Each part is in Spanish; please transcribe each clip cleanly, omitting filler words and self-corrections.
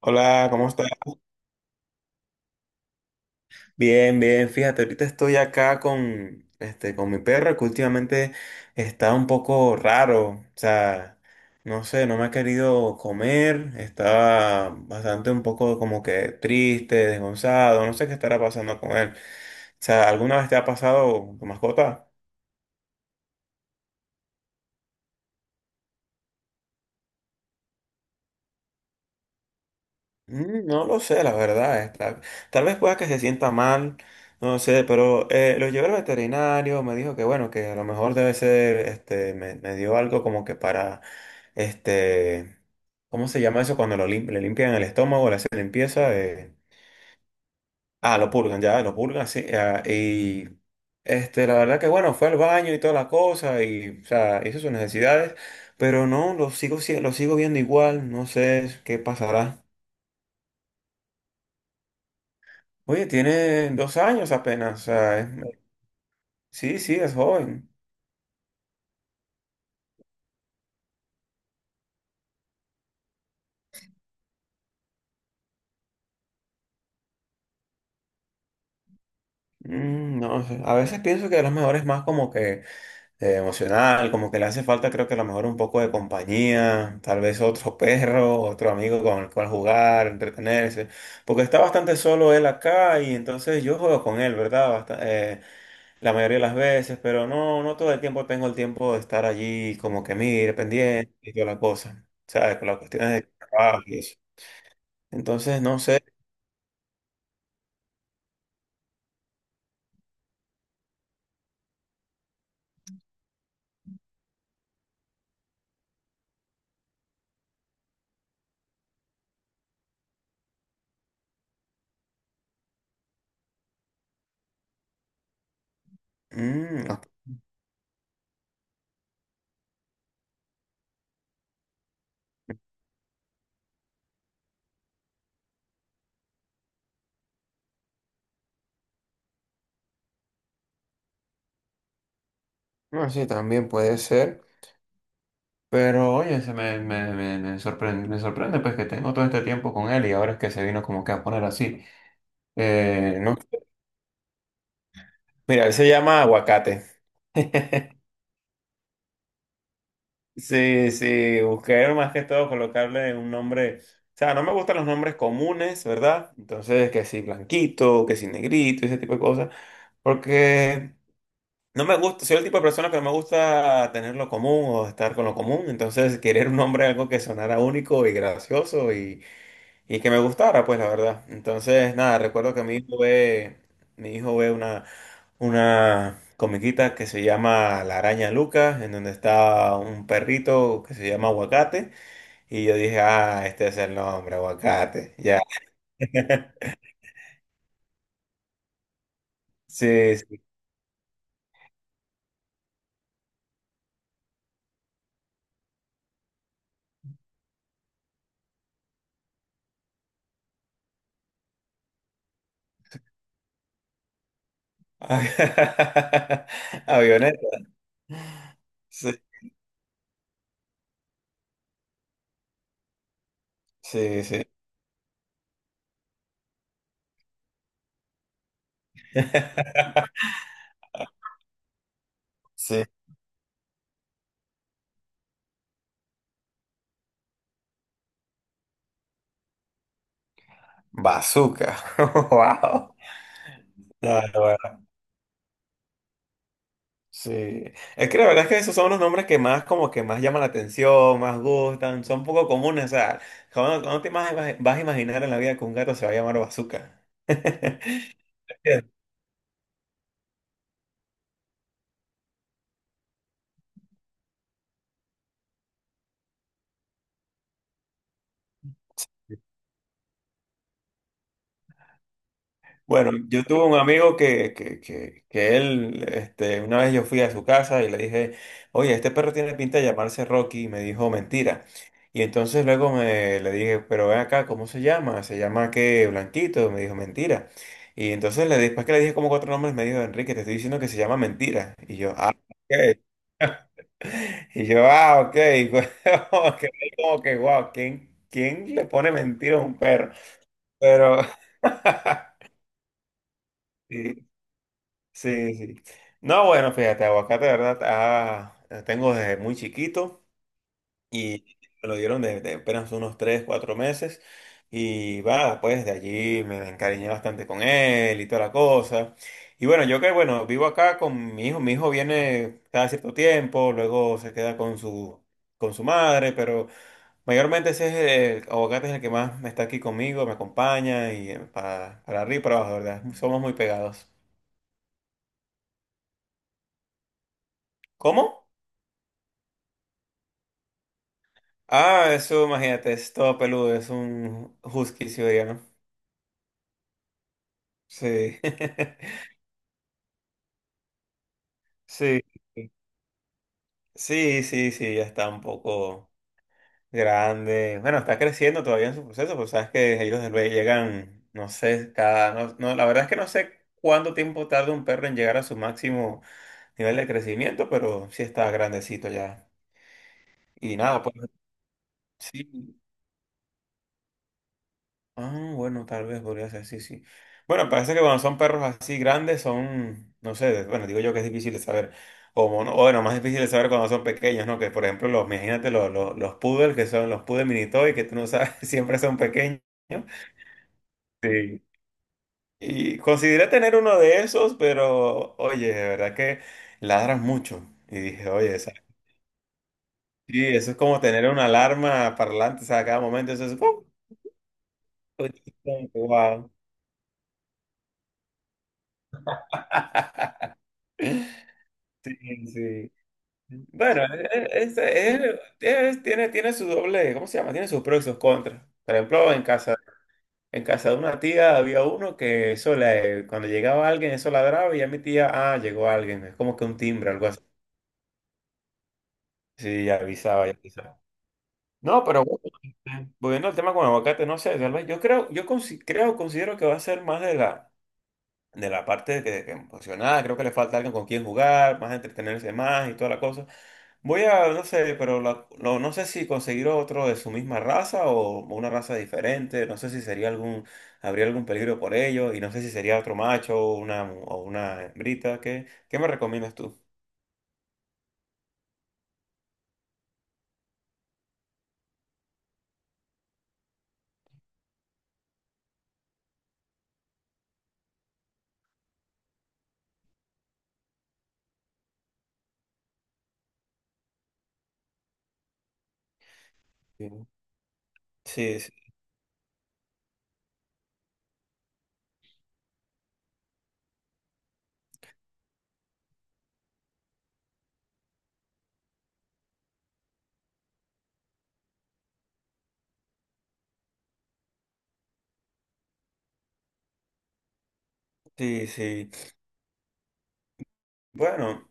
Hola, ¿cómo estás? Bien, bien, fíjate, ahorita estoy acá con, con mi perro que últimamente está un poco raro, o sea, no sé, no me ha querido comer, estaba bastante un poco como que triste, desgonzado, no sé qué estará pasando con él. O sea, ¿alguna vez te ha pasado tu mascota? Mm, no lo sé, la verdad. Es tal vez pueda que se sienta mal, no sé, pero lo llevé al veterinario, me dijo que bueno, que a lo mejor debe ser, me dio algo como que para, este, ¿cómo se llama eso? Cuando le limpian el estómago, le hacen limpieza. Ah, lo purgan, ya, lo purgan, sí. Ah, la verdad que bueno, fue al baño y toda la cosa y, o sea, hizo sus necesidades, pero no, lo sigo viendo igual, no sé qué pasará. Oye, tiene 2 años apenas, o sea, sí, sí, es joven. Mm, no sé, a veces pienso que a lo mejor es más como que emocional, como que le hace falta, creo que a lo mejor un poco de compañía, tal vez otro perro, otro amigo con el cual jugar, entretenerse, porque está bastante solo él acá y entonces yo juego con él, ¿verdad? La mayoría de las veces, pero no, no todo el tiempo tengo el tiempo de estar allí como que mire, pendiente y toda la cosa, ¿sabes? Con las cuestiones de trabajo y eso. Entonces, no sé. Mm, ok. No, sí, también puede ser. Pero oye, se me, me, me, me sorprende pues que tengo todo este tiempo con él y ahora es que se vino como que a poner así. No. Mira, él se llama Aguacate. Sí, sí, busqué más que todo colocarle un nombre. O sea, no me gustan los nombres comunes, ¿verdad? Entonces, que si blanquito, que si negrito, ese tipo de cosas. Porque no me gusta, soy el tipo de persona que no me gusta tener lo común o estar con lo común, entonces querer un nombre, algo que sonara único y gracioso y que me gustara, pues la verdad. Entonces, nada, recuerdo que mi hijo ve una comiquita que se llama La Araña Lucas, en donde está un perrito que se llama Aguacate, y yo dije, ah, este es el nombre, Aguacate, ya. Sí, sí. Avioneta, sí, sí, sí. Sí. Bazooka. Wow. No, no, bueno, sí. Es que la verdad es que esos son los nombres que más como que más llaman la atención, más gustan, son poco comunes. O sea, ¿Cómo vas a imaginar en la vida que un gato se va a llamar Bazooka? Bueno, yo tuve un amigo que él, una vez yo fui a su casa y le dije, oye, este perro tiene pinta de llamarse Rocky, y me dijo, mentira. Y entonces luego le dije, pero ven acá, ¿cómo se llama? ¿Se llama qué? Blanquito, me dijo, mentira. Y entonces después que le dije como 4 nombres, me dijo, Enrique, te estoy diciendo que se llama mentira. Y yo, ah, ok. Y yo, ah, ok. Como que, wow, ¿quién le pone mentira a un perro? Pero... Sí. Sí, sí. No, bueno, fíjate, aguacate, de verdad, tengo desde muy chiquito y me lo dieron desde apenas unos 3, 4 meses. Y va, pues de allí me encariñé bastante con él y toda la cosa. Y bueno, bueno, vivo acá con mi hijo. Mi hijo viene cada cierto tiempo, luego se queda con su madre, pero mayormente aguacate es el que más está aquí conmigo, me acompaña y para arriba y para abajo, de ¿verdad? Somos muy pegados. ¿Cómo? Ah, eso, imagínate, es todo peludo, es un husky siberiano. Sí. Sí. Sí, sí, sí, ya está un poco grande. Bueno, está creciendo todavía en su proceso, pues sabes que ellos del Bay llegan, no sé, cada. No, no, la verdad es que no sé cuánto tiempo tarda un perro en llegar a su máximo nivel de crecimiento, pero sí está grandecito ya. Y nada, pues sí. Ah, bueno, tal vez podría ser, sí, sí. Bueno, parece que cuando son perros así grandes son, no sé, bueno, digo yo que es difícil de saber. O bueno, más difícil de saber cuando son pequeños, ¿no? Que por ejemplo, imagínate los poodles, que son los poodles mini toy, que tú no sabes, siempre son pequeños. Sí. Y consideré tener uno de esos, pero oye, de verdad que ladran mucho. Y dije, oye, sí, eso es como tener una alarma parlante, o sea, a cada momento eso es... ¡pum! Como que, wow. Sí, sí. Bueno, es- es- es- tiene su doble, ¿cómo se llama? Tiene sus pros y sus contras. Por ejemplo, en casa de una tía había uno que eso le, cuando llegaba alguien, eso ladraba y ya mi tía, ah, llegó alguien. Es como que un timbre, algo así. Sí, ya avisaba, ya avisaba. No, pero bueno, volviendo al tema con el aguacate, no sé, tal vez yo creo, yo consi- creo, considero que va a ser más de la parte que emocionada, creo que le falta alguien con quien jugar, más entretenerse más y toda la cosa. No sé, pero no, no sé si conseguir otro de su misma raza o una raza diferente, no sé si sería habría algún peligro por ello y no sé si sería otro macho o o una hembrita, ¿qué me recomiendas tú? Sí. Sí, sí, sí. Sí. Bueno,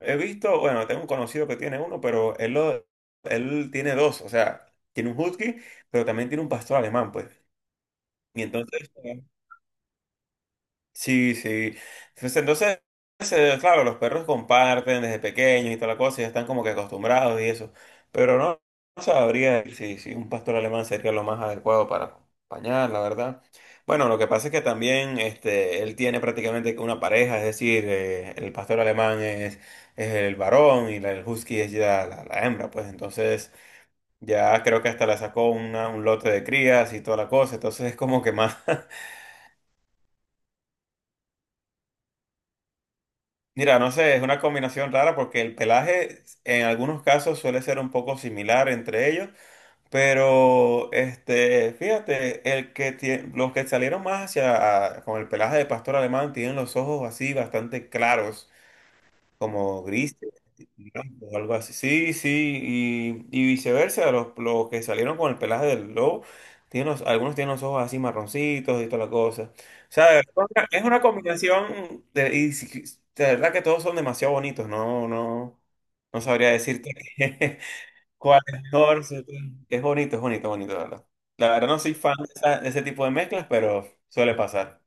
he visto, bueno, tengo un conocido que tiene uno, pero él tiene dos, o sea, tiene un husky, pero también tiene un pastor alemán, pues. Y entonces, sí, sí. Pues entonces, claro, los perros comparten desde pequeños y toda la cosa, ya están como que acostumbrados y eso. Pero no, no sabría si, si un pastor alemán sería lo más adecuado para acompañar, la verdad. Bueno, lo que pasa es que también él tiene prácticamente una pareja, es decir, el pastor alemán es el varón y el husky es ya la hembra, pues entonces ya creo que hasta le sacó un lote de crías y toda la cosa, entonces es como que más. Mira, no sé, es una combinación rara porque el pelaje en algunos casos suele ser un poco similar entre ellos, pero fíjate, los que salieron más hacia con el pelaje de pastor alemán tienen los ojos así bastante claros como grises blancos o algo así. Sí, sí, y viceversa, los que salieron con el pelaje del lobo, tienen algunos tienen los ojos así marroncitos y toda la cosa. O sea, es una combinación de, de verdad que todos son demasiado bonitos, no, no, no sabría decirte cuál es mejor. Sí, sí. Es bonito, bonito, la verdad. La verdad no soy fan de de ese tipo de mezclas, pero suele pasar.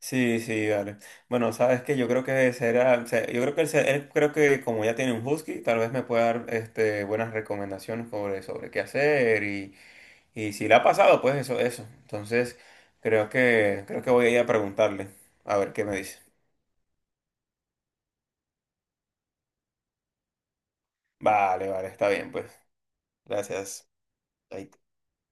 Sí, sí, vale. Bueno, sabes que yo creo que será, o sea, yo creo que él creo que como ya tiene un husky, tal vez me pueda dar buenas recomendaciones sobre, sobre qué hacer y si le ha pasado, pues eso, eso. Entonces, creo que voy a ir a preguntarle, a ver qué me dice. Vale, vale, está bien, pues. Gracias. Ahí.